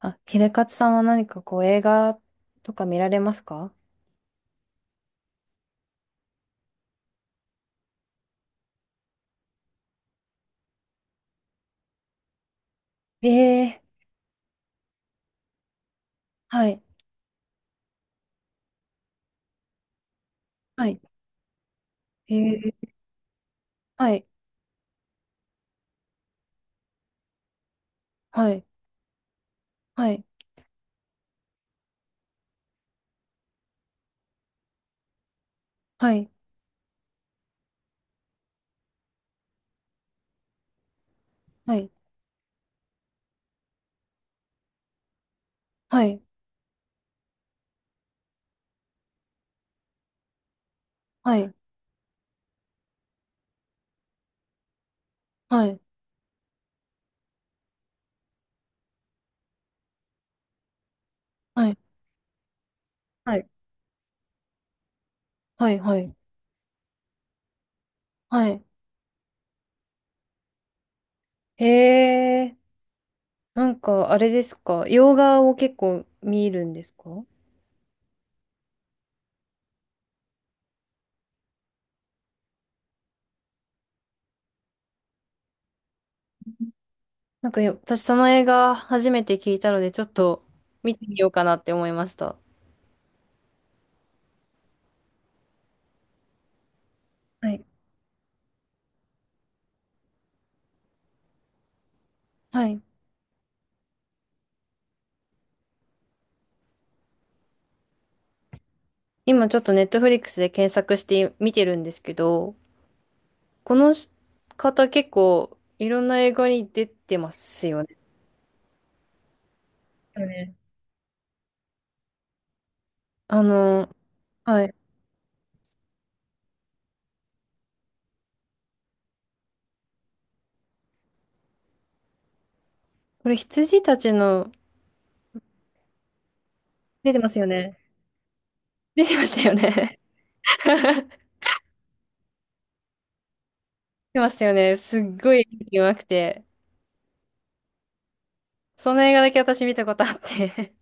あ、秀勝さんは何かこう映画とか見られますか？ええー。はい。はい。ええ。はい。はい。はい。はい。はい。はい。はい。はい。はい。はい。はい。はい。はい。ええ。なんかあれですか？洋画を結構見るんですか？なんかよ私その映画初めて聞いたのでちょっと見てみようかなって思いました。はい、はい。今ちょっとネットフリックスで検索して見てるんですけど、この方結構いろんな映画に出てますよね。だよね。あの、はい。これ羊たちの、出てますよね。出てましたよね。出てましたよね。すっごい演技うまくて。その映画だけ私見たことあって。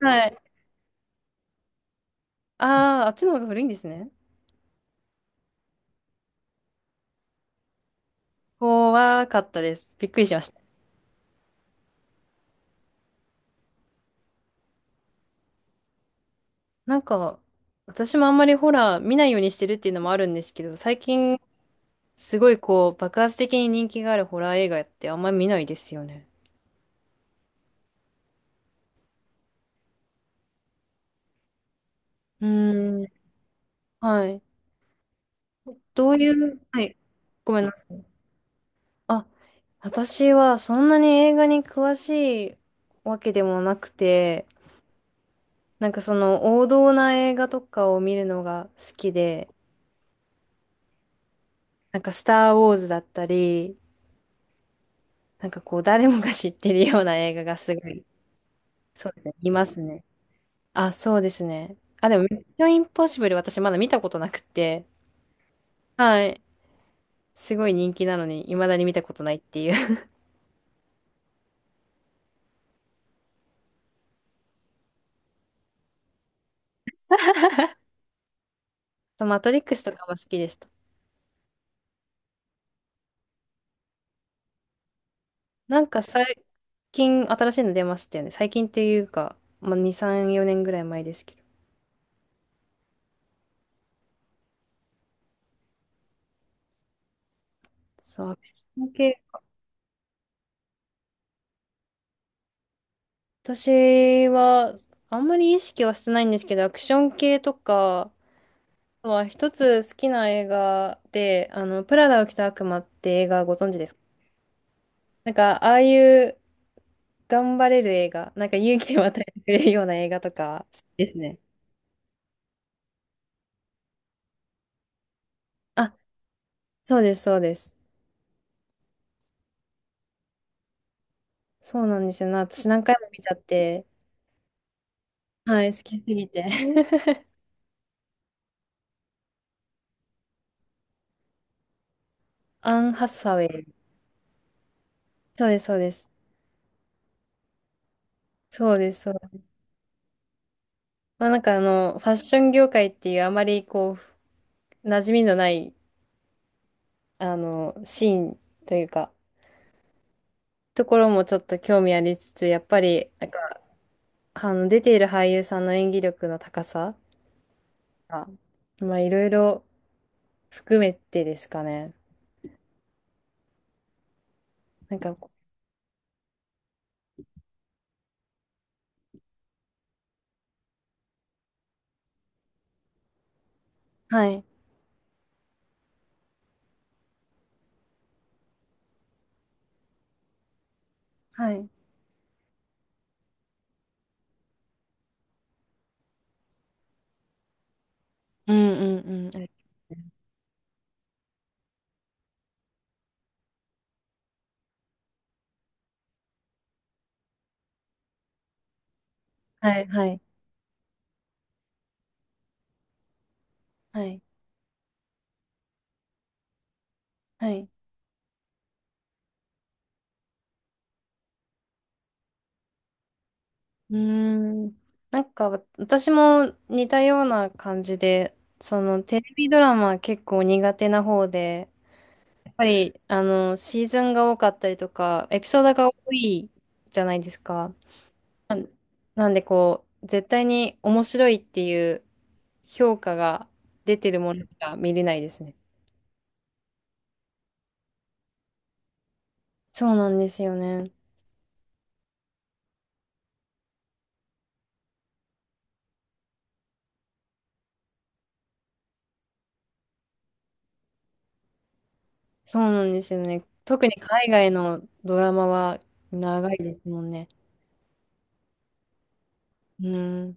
はい。ああ、あっちの方が古いんですね。怖かったです。びっくりしました。なんか、私もあんまりホラー見ないようにしてるっていうのもあるんですけど、最近すごいこう、爆発的に人気があるホラー映画ってあんまり見ないですよね。うーん、はい。どういう、はい、ごめんなさい。あ、私はそんなに映画に詳しいわけでもなくて、なんかその王道な映画とかを見るのが好きで、なんかスター・ウォーズだったり、なんかこう誰もが知ってるような映画がすごい、そうですね、いますね。あ、そうですね。あ、でも、ミッション・インポッシブル私まだ見たことなくて、はい。すごい人気なのに、未だに見たことないっていう。そうマトリックスとかも好きでした。なんか最近新しいの出ましたよね。最近っていうか、まあ、2、3、4年ぐらい前ですけど。そう、アクション系。私は、あんまり意識はしてないんですけど、アクション系とかは、一つ好きな映画で、プラダを着た悪魔って映画ご存知ですか？なんか、ああいう頑張れる映画、なんか勇気を与えてくれるような映画とか、好きですね。あ、そうです、そうです。そうなんですよな。私何回も見ちゃって、はい、好きすぎて。アン・ハサウェイ。そうです、そうです。そうです、そうです。まあなんかファッション業界っていうあまりこう、馴染みのない、シーンというか、ところもちょっと興味ありつつ、やっぱり、なんか、出ている俳優さんの演技力の高さが、まあいろいろ含めてですかね。なんか、はい、はい。うんうんうん。はい、はい、はい、はい。うーん。なんか私も似たような感じで、そのテレビドラマ結構苦手な方で、やっぱりあのシーズンが多かったりとか、エピソードが多いじゃないですか。なんなんでこう、絶対に面白いっていう評価が出てるものしか見れないですね。そうなんですよね。そうなんですよね。特に海外のドラマは長いですもんね。うん。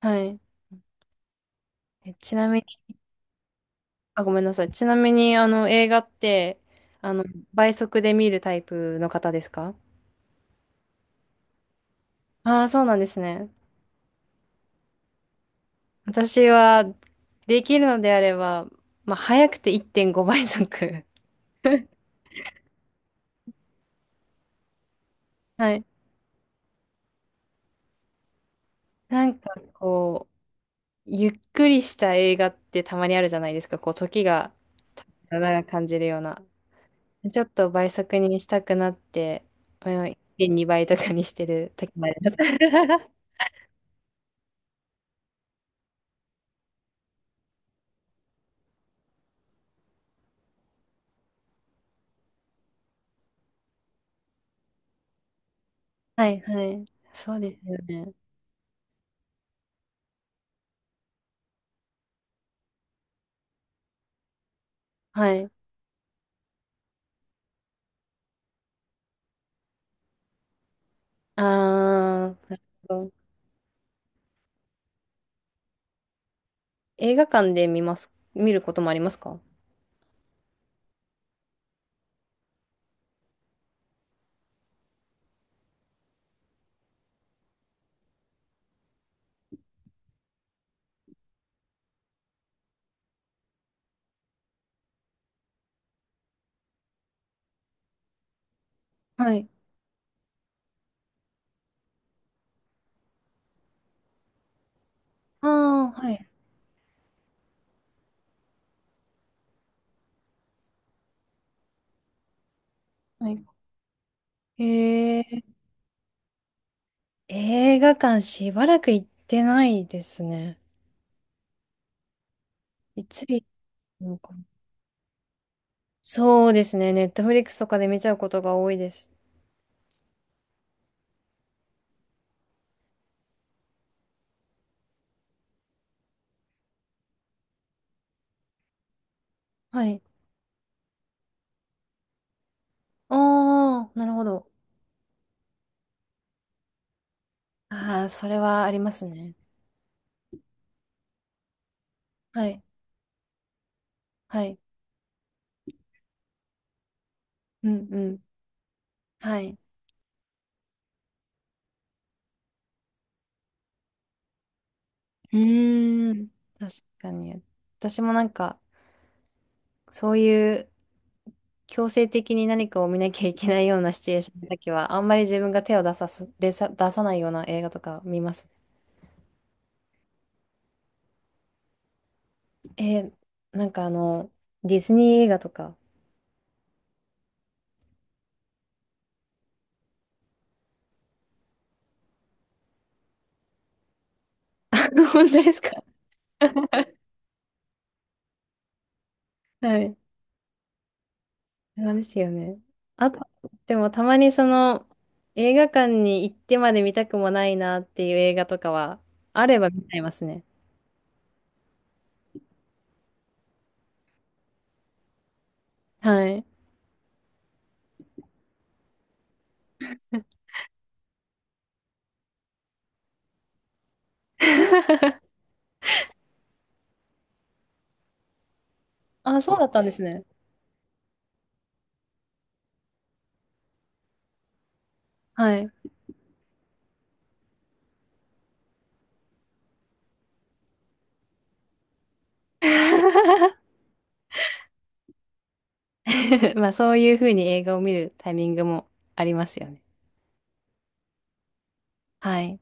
はい。ちなみあ、ごめんなさい。ちなみに、映画って、あの、倍速で見るタイプの方ですか？ああー、そうなんですね。私は、できるのであれば、まあ、早くて1.5倍速。はい。なんか、こう、ゆっくりした映画ってたまにあるじゃないですか。こう、時が長く感じるような。ちょっと倍速にしたくなって、うん、1.2倍とかにしてる時もあります。はい、はい。そうですよね。はい。ああ、なるほど。映画館で見ます、見ることもありますか？はい。ああはい。はい。へえ、映画館しばらく行ってないですね。いつ行ったのかな。そうですね。ネットフリックスとかで見ちゃうことが多いです。はい。ああ、なるほど。ああ、それはありますね。はい。はい。うんうん。はい。うーん。確かに。私もなんか、そういう強制的に何かを見なきゃいけないようなシチュエーションの時は、あんまり自分が手を出さす、出さ、出さないような映画とか見ますね。えーなんかディズニー映画とか。本当ですか？はい。なんですよね。あと、でもたまにその、映画館に行ってまで見たくもないなっていう映画とかは、あれば見ちゃいますね。はい。あ、そうだったんですね。はい。まあそういうふうに映画を見るタイミングもありますよね。はい。